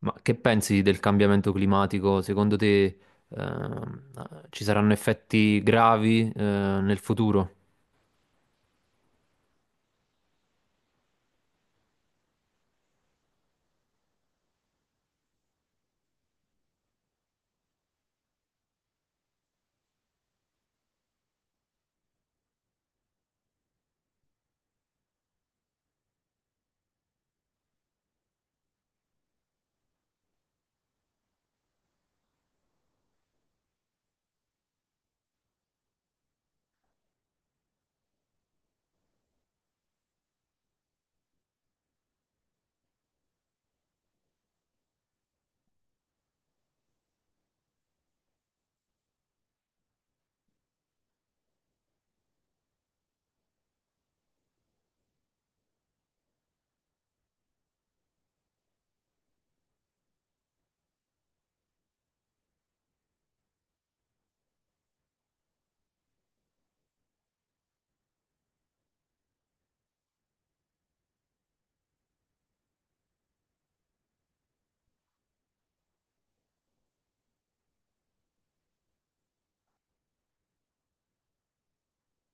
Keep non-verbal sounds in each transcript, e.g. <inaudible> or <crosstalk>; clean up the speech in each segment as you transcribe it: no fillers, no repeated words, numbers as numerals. Ma che pensi del cambiamento climatico? Secondo te, ehm, ci saranno effetti gravi, nel futuro?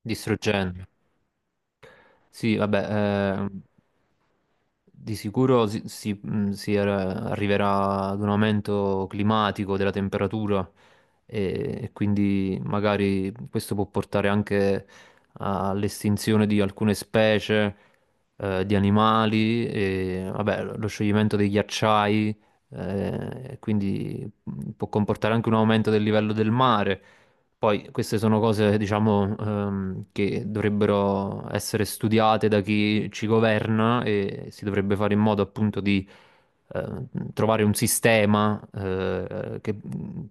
Distruggenti? Sì, vabbè, di sicuro arriverà ad un aumento climatico della temperatura e quindi magari questo può portare anche all'estinzione di alcune specie, di animali, e, vabbè, lo scioglimento dei ghiacciai, e quindi può comportare anche un aumento del livello del mare. Poi queste sono cose, diciamo, che dovrebbero essere studiate da chi ci governa e si dovrebbe fare in modo appunto di eh, trovare un sistema, che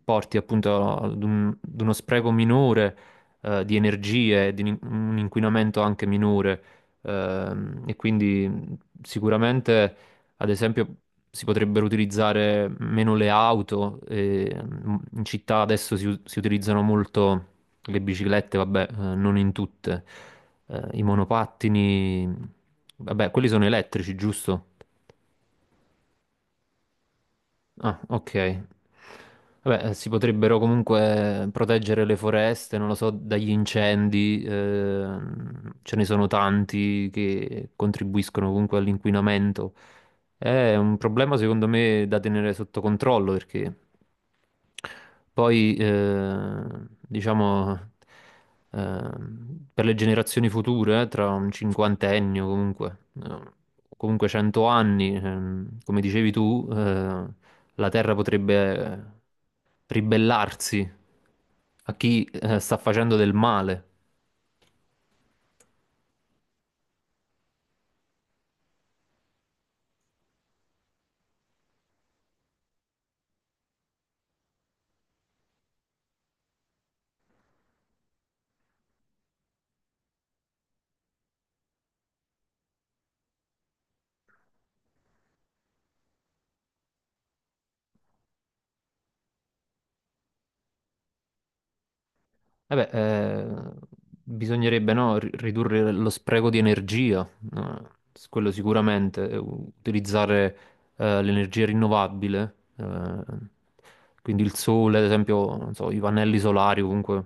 porti appunto ad uno spreco minore di energie, e di un inquinamento anche minore. E quindi sicuramente, ad esempio, si potrebbero utilizzare meno le auto. E, in città adesso si utilizzano molto le biciclette, vabbè, non in tutte. I monopattini, vabbè, quelli sono elettrici, giusto? Ah, ok. Vabbè, si potrebbero comunque proteggere le foreste, non lo so, dagli incendi. Ce ne sono tanti che contribuiscono comunque all'inquinamento. È un problema, secondo me, da tenere sotto controllo, perché poi, diciamo, per le generazioni future, tra un cinquantennio comunque, eh, comunque 100 anni, come dicevi tu, la Terra potrebbe, ribellarsi a chi, sta facendo del male. Vabbè, bisognerebbe, no, ridurre lo spreco di energia, no? Quello sicuramente, utilizzare, l'energia rinnovabile, quindi il sole, ad esempio, non so, i pannelli solari comunque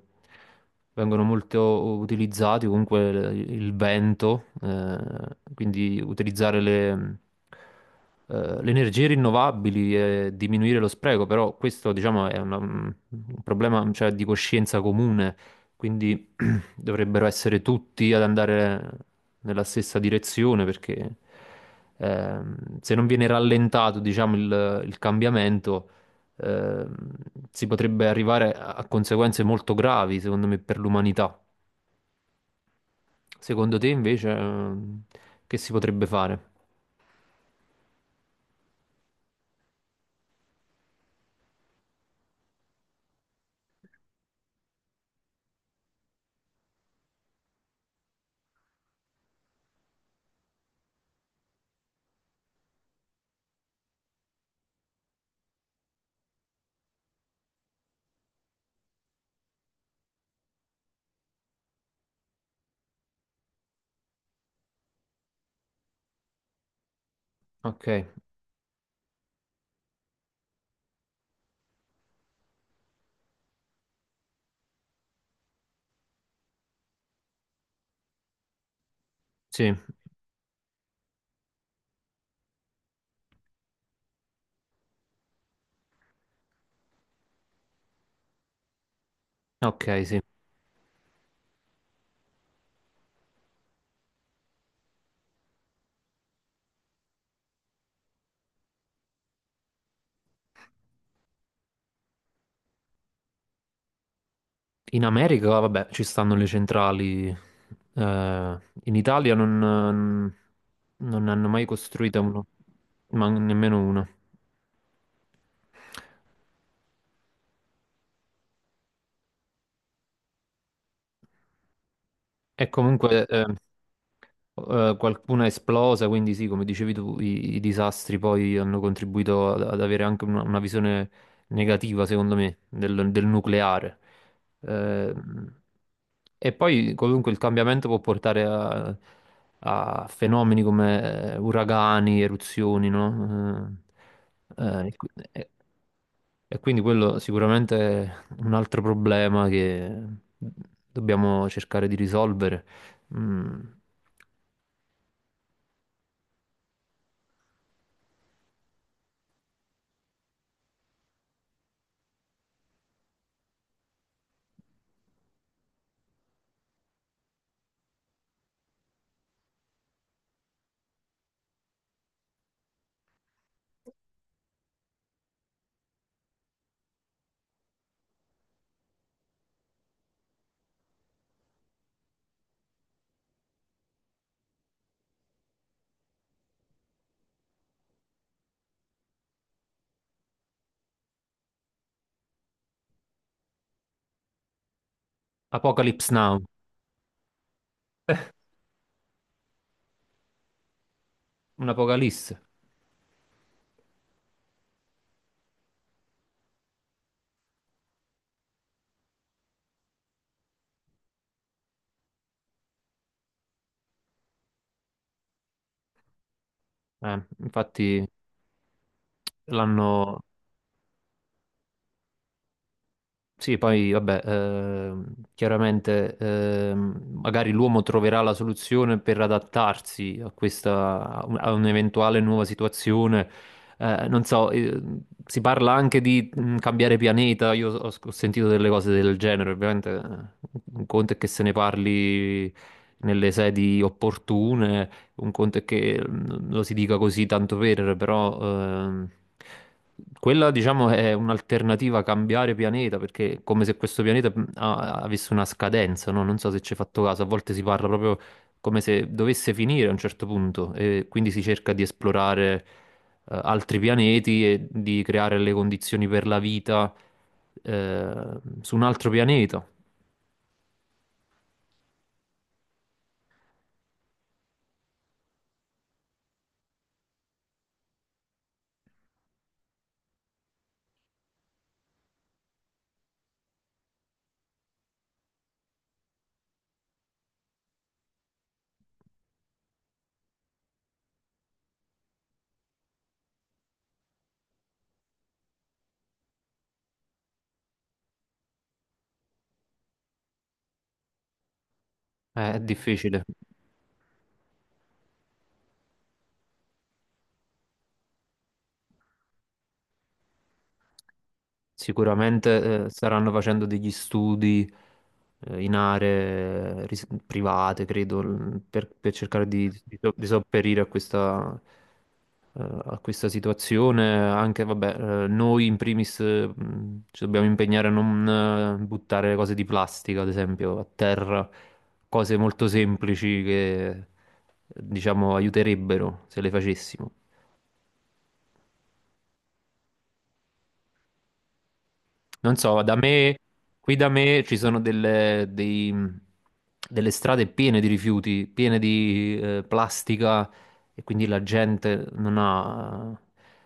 vengono molto utilizzati, comunque il vento, quindi utilizzare le energie rinnovabili e diminuire lo spreco. Però questo, diciamo, è un problema, cioè, di coscienza comune, quindi <clears throat> dovrebbero essere tutti ad andare nella stessa direzione, perché, se non viene rallentato, diciamo, il cambiamento, ehm, si potrebbe arrivare a conseguenze molto gravi, secondo me, per l'umanità. Secondo te, invece, che si potrebbe fare? Ok, sì, ok, sì. In America, vabbè, ci stanno le centrali. In Italia non ne hanno mai costruita uno, ma nemmeno una. E comunque, qualcuna è esplosa, quindi sì, come dicevi tu, i disastri poi hanno contribuito ad avere anche una visione negativa, secondo me, del nucleare. Ehm, e poi comunque il cambiamento può portare a fenomeni come, uragani, eruzioni, no? Eh, eh, e, qui- e- e quindi quello sicuramente è un altro problema che dobbiamo cercare di risolvere. Mm. Apocalypse Now, un'apocalisse. Infatti l'hanno. Sì, poi vabbè, chiaramente, magari l'uomo troverà la soluzione per adattarsi a questa, a un'eventuale nuova situazione. Non so, si parla anche di, cambiare pianeta. Io ho sentito delle cose del genere. Ovviamente, un conto è che se ne parli nelle sedi opportune. Un conto è che, lo si dica così, tanto per, però, ehm, quella, diciamo, è un'alternativa a cambiare pianeta, perché è come se questo pianeta, avesse una scadenza, no? Non so se ci hai fatto caso, a volte si parla proprio come se dovesse finire a un certo punto e quindi si cerca di esplorare, altri pianeti e di creare le condizioni per la vita, su un altro pianeta. È difficile. Sicuramente, staranno facendo degli studi, in aree, private, credo, per cercare di sopperire a questa situazione. Anche, vabbè, noi in primis, ci dobbiamo impegnare a non, buttare cose di plastica, ad esempio, a terra, cose molto semplici che, diciamo, aiuterebbero se le facessimo. Non so, da me, qui da me ci sono delle strade piene di rifiuti, piene di, plastica, e quindi la gente non ha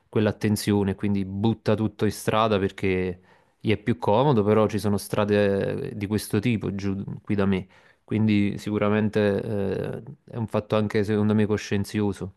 quell'attenzione, quindi butta tutto in strada perché gli è più comodo. Però ci sono strade, di questo tipo giù qui da me, quindi sicuramente, è un fatto anche secondo me coscienzioso.